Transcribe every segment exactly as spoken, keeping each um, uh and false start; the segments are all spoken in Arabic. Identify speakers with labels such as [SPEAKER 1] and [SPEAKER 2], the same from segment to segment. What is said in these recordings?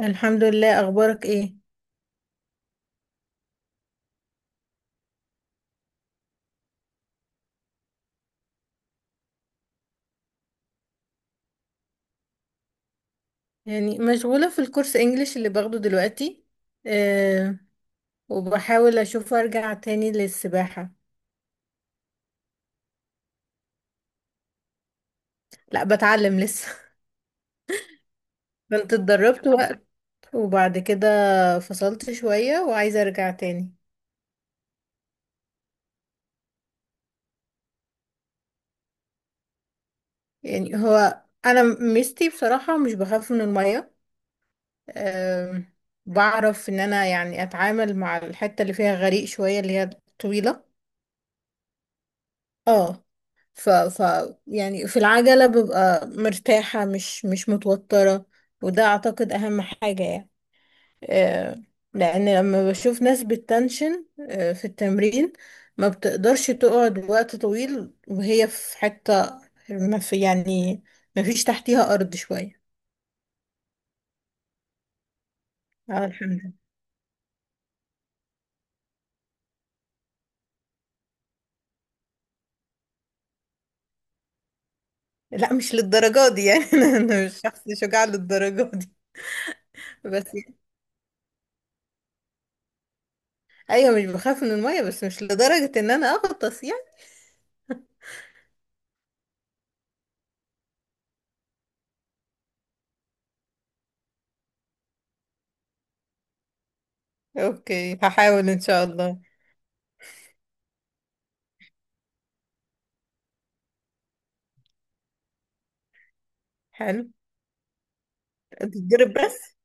[SPEAKER 1] الحمد لله، اخبارك ايه؟ يعني مشغولة في الكورس انجليش اللي باخده دلوقتي. أه وبحاول اشوف ارجع تاني للسباحة. لا بتعلم لسه. كنت اتدربت وقت وبعد كده فصلت شوية وعايزة ارجع تاني. يعني هو انا ميزتي بصراحة مش بخاف من المية. أه بعرف ان انا يعني اتعامل مع الحتة اللي فيها غريق شوية اللي هي طويلة. اه. ف ف يعني في العجلة ببقى مرتاحة، مش مش متوترة. وده اعتقد اهم حاجة يعني. آه لان لما بشوف ناس بالتنشن آه في التمرين ما بتقدرش تقعد وقت طويل وهي في حتة، ما في يعني ما فيش تحتيها ارض شوية. اه الحمد لله. لا مش للدرجة دي يعني. انا أنا مش شخص شجاع للدرجة دي. بس يعني، ايوه مش بخاف من المية بس مش لدرجة ان انا اغطس يعني. اوكي هحاول ان شاء الله. حلو. تتضرب بس؟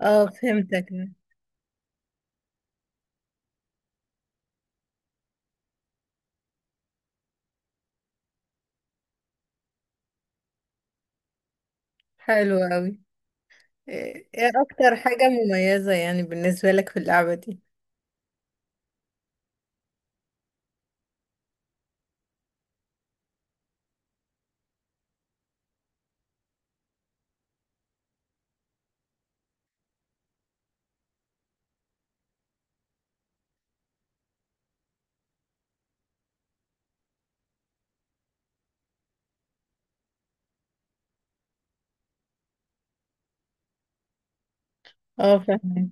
[SPEAKER 1] اه فهمتك. حلو قوي. ايه إيه اكتر حاجة مميزة يعني بالنسبة لك في اللعبة دي؟ اه فهمك.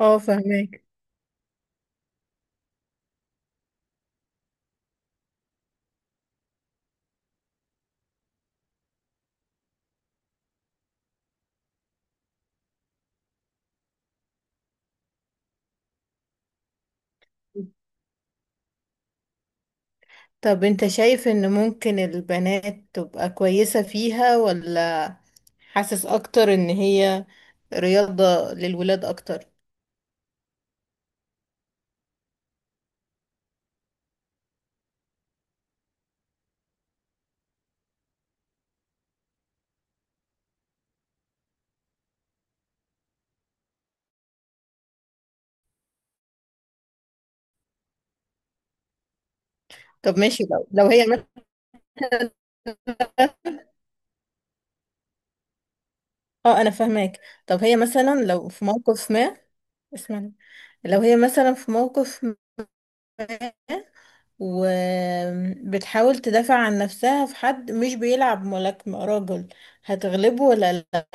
[SPEAKER 1] اه فهمك. طب انت شايف ان ممكن البنات تبقى كويسة فيها، ولا حاسس اكتر ان هي رياضة للولاد اكتر؟ طب ماشي، لو لو هي مثلا. اه انا فهماك. طب هي مثلا لو في موقف ما، اسمعني، لو هي مثلا في موقف وبتحاول تدافع عن نفسها في حد مش بيلعب ملاكمة، راجل، هتغلبه ولا لا؟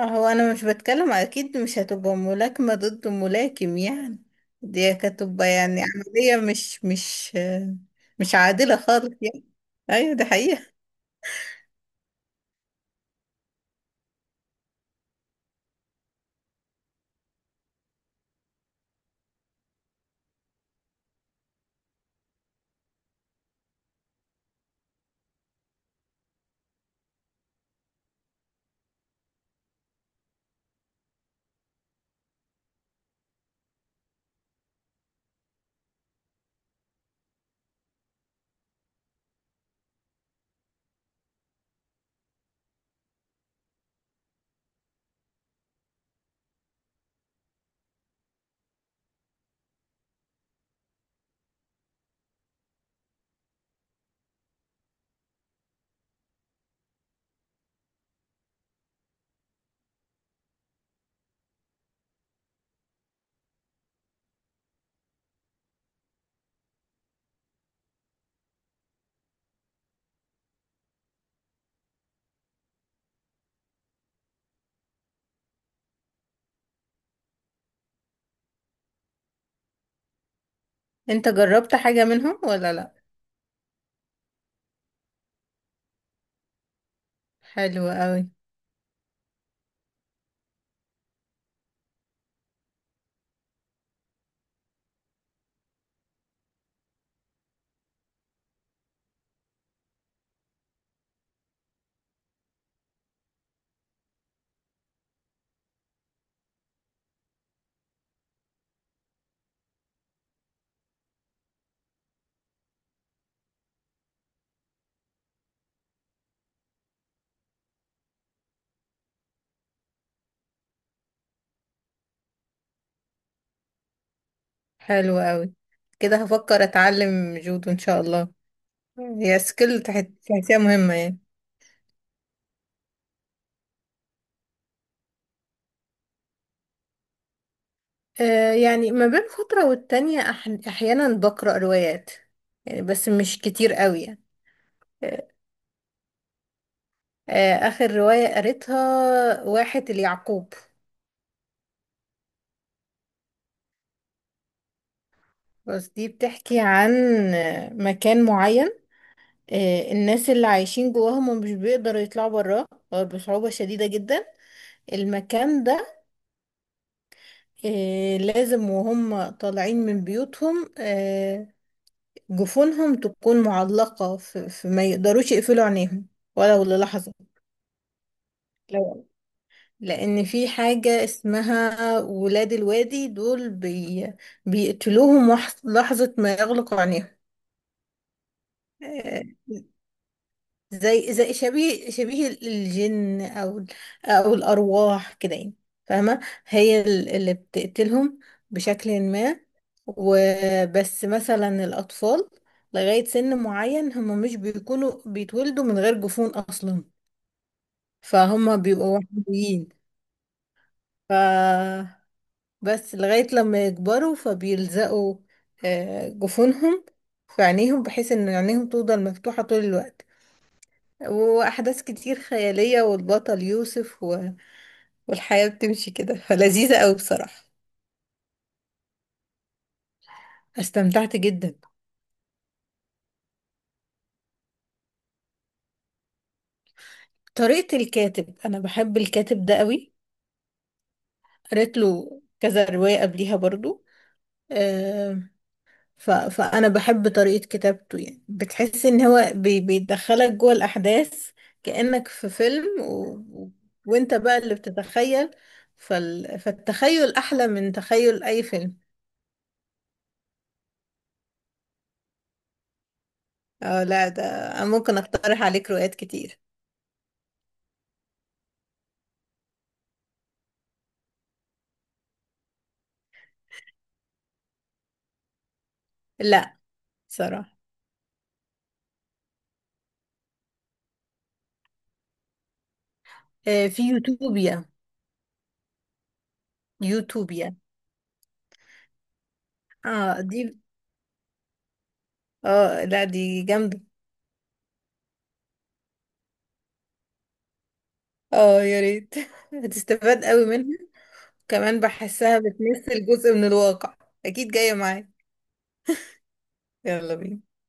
[SPEAKER 1] هو انا مش بتكلم اكيد مش هتبقى ملاكمة ضد ملاكم يعني. دي هتبقى يعني عملية مش مش مش عادلة خالص يعني. ايوه دي حقيقة. انت جربت حاجة منهم ولا لا؟ حلو قوي. حلو قوي. كده هفكر اتعلم جودو ان شاء الله. هي سكيل تحسيها مهمة يعني؟ آه، يعني ما بين فترة والتانية، أح- أحيانا بقرأ روايات يعني، بس مش كتير قوي يعني. آه، آه، آخر رواية قريتها واحد اليعقوب. بس دي بتحكي عن، آه، مكان معين. آه، الناس اللي عايشين جواه هم مش بيقدروا يطلعوا براه، أو بصعوبة شديدة جدا. المكان ده، آه، لازم وهم طالعين من بيوتهم آه، جفونهم تكون معلقة، في في- ما يقدروش يقفلوا عينيهم ولو للحظة. لو لأن في حاجة اسمها ولاد الوادي، دول بي... بيقتلوهم وح- لحظة ما يغلقوا عينيهم. آه، زي، زي شبيه شبيه الجن، أو ال- أو الأرواح كده يعني. فاهمة؟ هي ال- اللي بتقتلهم بشكل ما. وبس مثلا الأطفال لغاية سن معين هم مش بيكونوا بيتولدوا من غير جفون أصلا، فهم بيبقوا وحيدين. بس لغاية لما يكبروا فبيلزقوا آه، جفونهم في عينيهم، بحيث ان عينيهم تفضل مفتوحة طول الوقت. وأحداث كتير خيالية، والبطل يوسف و... والحياة بتمشي كده، فلذيذة أوي بصراحة. استمتعت جدا. طريقة الكاتب، أنا بحب الكاتب ده أوي. قريت له كذا رواية قبليها برضو. ف... فأنا بحب طريقة كتابته. يعني بتحس إن هو بي... بيدخلك جوه الأحداث كأنك في فيلم و... و- وإنت بقى اللي بتتخيل. فال... فالتخيل أحلى من تخيل أي فيلم. اه لا ده أنا ممكن أقترح عليك روايات كتير. لا صراحة. آه، في يوتوبيا. يوتوبيا. اه دي، اه لا دي جامدة. اه يا ريت. هتستفاد قوي منها. كمان بحسها بتمثل جزء من الواقع. أكيد جاية معايا. يلا بينا.